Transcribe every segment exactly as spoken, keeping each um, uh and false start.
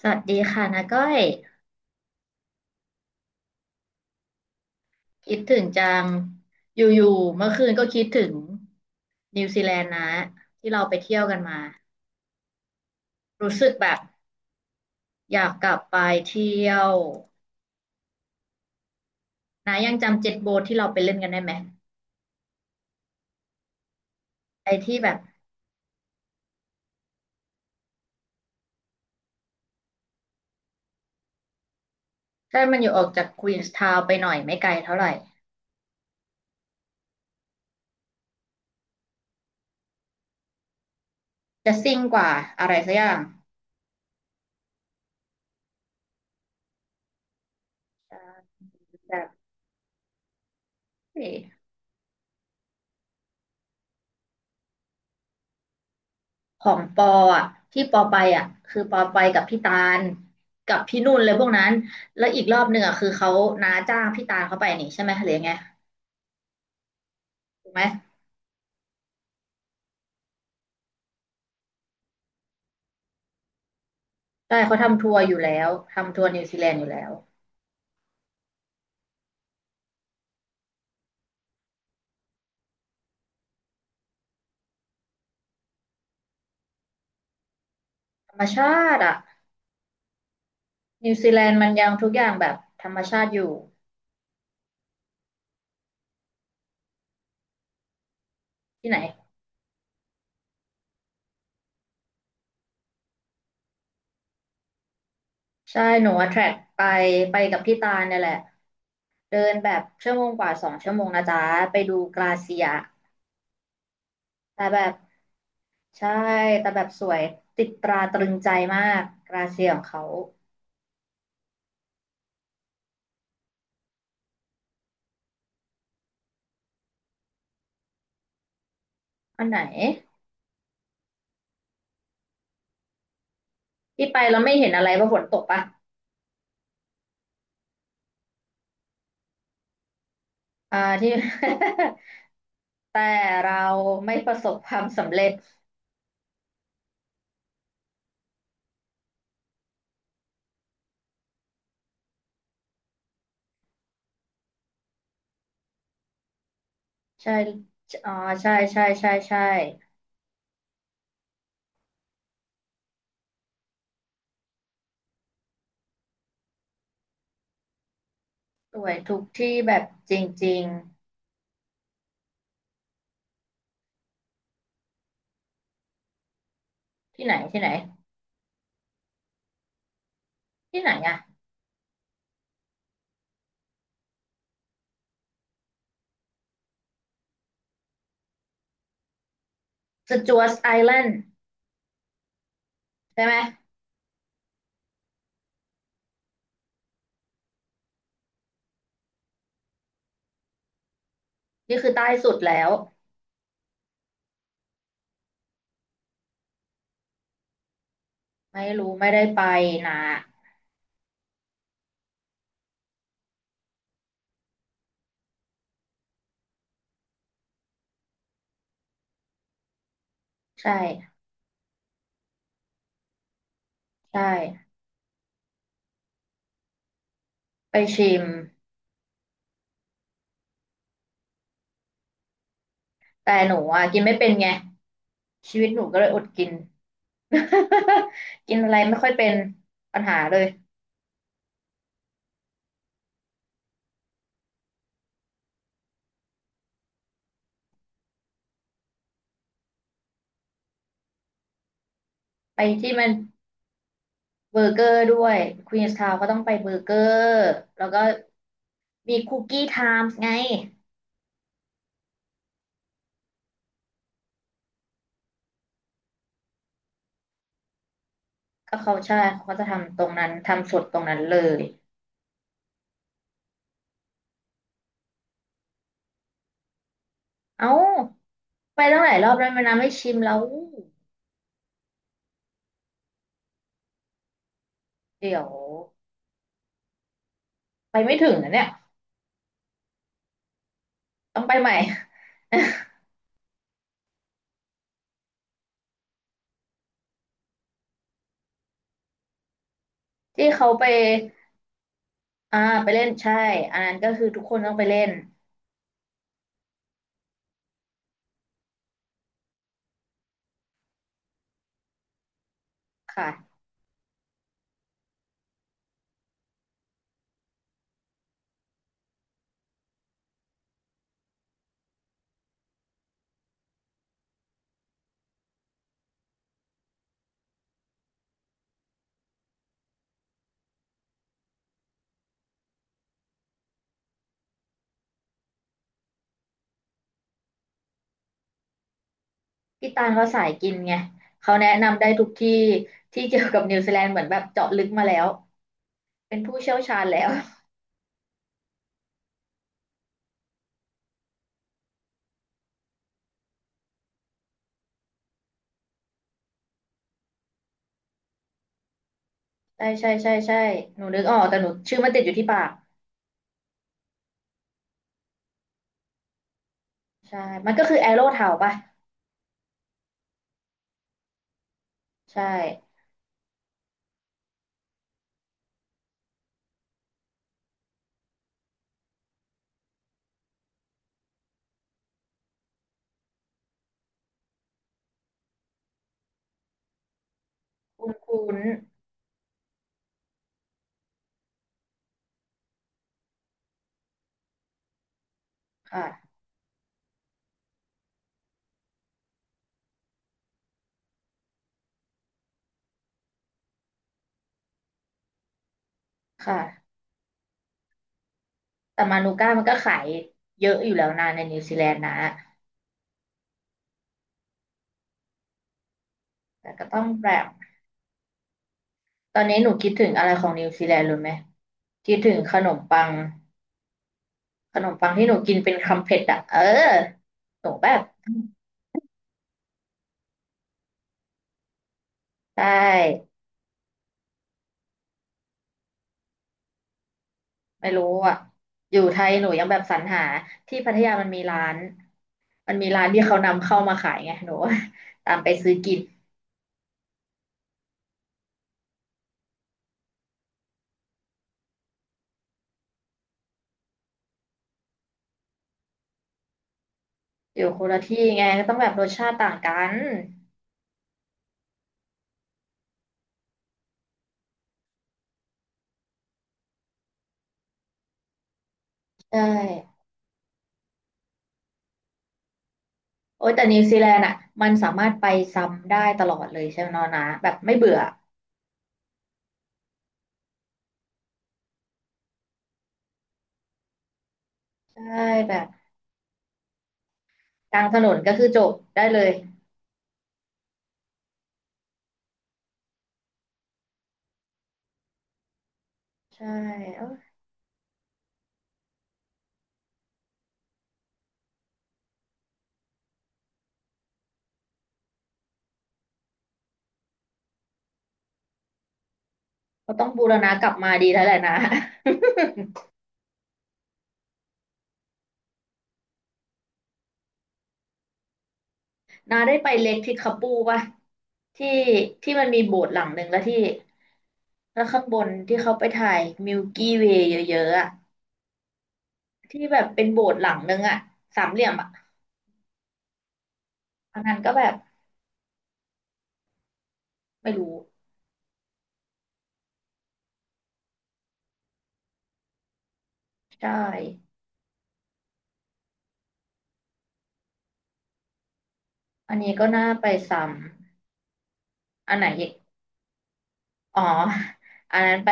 สวัสดีค่ะนาก้อยคิดถึงจังอยู่ๆเมื่อคืนก็คิดถึงนิวซีแลนด์นะที่เราไปเที่ยวกันมารู้สึกแบบอยากกลับไปเที่ยวนายังจำเจ็ตโบ๊ทที่เราไปเล่นกันได้ไหมไอ้ที่แบบถ้ามันอยู่ออกจากควีนส์ทาวน์ไปหน่อยไม่ไกลเท่าไหร่จะซิ่งกว่าอะไรสักอย่างใช่แบบ ของปออ่ะที่ปอไปอ่ะคือปอไปกับพี่ตาลกับพี่นุ่นเลยพวกนั้นแล้วอีกรอบหนึ่งอ่ะคือเขาน้าจ้างพี่ตาลเขาไปนี่ใช่ไหมหรือยังไงถูกไหมใช่เขาทำทัวร์อยู่แล้วทำทัวร์นิวซีแลนด์อยู่แล้วธรรมชาติอ่ะนิวซีแลนด์มันยังทุกอย่างแบบธรรมชาติอยู่ที่ไหนใช่หนูอะแทร็กไปไปกับพี่ตาลเนี่ยแหละเดินแบบชั่วโมงกว่าสองชั่วโมงนะจ๊ะไปดูกลาเซียแต่แบบใช่แต่แบบสวยติดตราตรึงใจมากกราเซียของเขา อันไหนที่ไปเราไม่เห็นอะไรเพราะฝนตกปะอ่าที่ แต่เราไม่ประสบความสำเร็จใช่อ๋อใช่ใช่ใช่ใช่สวยทุกที่แบบจริงๆที่ไหนที่ไหนที่ไหนอะสจ๊วตไอแลนด์ใช่ไหมนี่คือใต้สุดแล้วไม่รู้ไม่ได้ไปนะใช่ใช่ไปชิมแต่หนูอะกินไม่เป็นไงชีวิตหนูก็เลยอดกิน กินอะไรไม่ค่อยเป็นปัญหาเลย ไปที่มันเบอร์เกอร์ด้วยควีนส์ทาวน์ก็ต้องไปเบอร์เกอร์แล้วก็มีคุกกี้ไทม์ไงก็เขาใช่เขาก็จะทำตรงนั้นทำสดตรงนั้นเลยเอ้าไปตั้งหลายรอบแล้วมันนะไม่ชิมแล้วเดี๋ยวไปไม่ถึงนะเนี่ยต้องไปใหม่ ที่เขาไปอ่าไปเล่นใช่อันนั้นก็คือทุกคนต้องไปเล่นค่ะพี่ตาลเขาสายกินไงเขาแนะนำได้ทุกที่ที่เกี่ยวกับนิวซีแลนด์เหมือนแบบเจาะลึกมาแล้วเป็นผู้เชี่ยวชาญแล้ว ใช่ใช่ใช่ใช่หนูนึกออกแต่หนูชื่อมันติดอยู่ที่ปาก ใช่ มันก็คือแอโร่เทาป่ะใช่ คุ้นคุ้นค่ะ ค่ะ แต่มานูก้ามันก็ขายเยอะอยู่แล้วนะในนิวซีแลนด์นะแต่ก็ต้องแบบตอนนี้หนูคิดถึงอะไรของนิวซีแลนด์รู้ไหมคิดถึงขนมปัง ขนมปังที่หนูกินเป็นคำเผ็ดอะ เออ หนูแบบใช่ ไม่รู้อ่ะอยู่ไทยหนูยังแบบสรรหาที่พัทยามันมีร้าน มันมีร้านที่เขานำเข้ามาขายไงหนู ตามไปซื้อกินอยู่คนละที่ไงก็ต้องแบบรสชาติต่างกันใช่โอ้ยแต่นิวซีแลนด์อ่ะมันสามารถไปซ้ำได้ตลอดเลยใช่ไหมน้องนะแบบไม่เบื่อใช่แบบกลางถนนก็คือจบได้เลยใช่เอ้าเขาต้องบูรณะกลับมาดีแล้วแหละนะ นาได้ไปเล็กที่คาปูป่ะที่ที่มันมีโบสถ์หลังหนึ่งแล้วที่แล้วข้างบนที่เขาไปถ่ายมิลกี้เวย์เยอะๆอะที่แบบเป็นโบสถ์หลังหนึ่งอะสามเหลี่ยมอะอันนั้นก็แบบไม่รู้ใช่อันนี้ก็น่าไปซ้ำอันไหนอีกอ๋ออันนั้นไป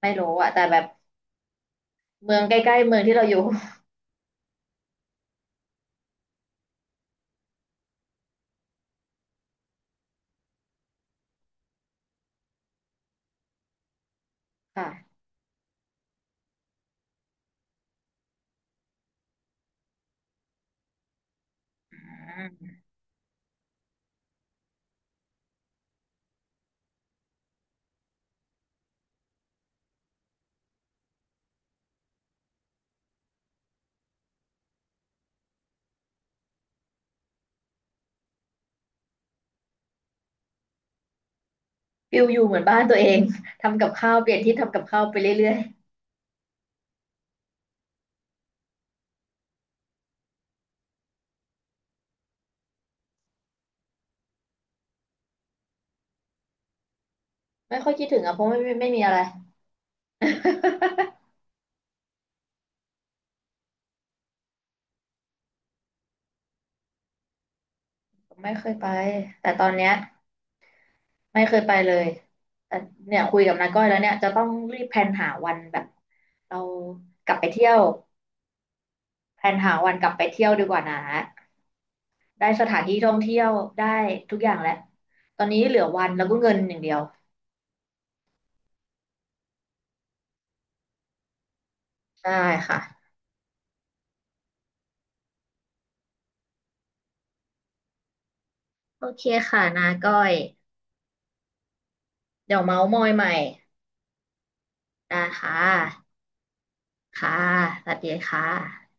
ไม่รู้อะแต่แบบเมืองใกล้ๆเมืองที่เราอยู่ค่ะอืมฟิลอยู่เหมือนบ้านตัวเองทำกับข้าวเปลี่ยนที่ทำกับข้าวไปเรื่อยๆไม่ค่อยคิดถึงอะเพราะไม่ไม่ไม่มีอะไร ไม่เคยไปแต่ตอนเนี้ยไม่เคยไปเลยแต่เนี่ยคุยกับนาก้อยแล้วเนี่ยจะต้องรีบแพลนหาวันแบบเรากลับไปเที่ยวแพลนหาวันกลับไปเที่ยวดีกว่านะได้สถานที่ท่องเที่ยวได้ทุกอย่างแล้วตอนนี้เหลือวันแล้วก็เงินอย่างเดียวได้ค่ะโอเคค่ะนาก้อยเดี๋ยวเมาส์มอยใหม่ได้ค่ะค่ะสวัสดีค่ะ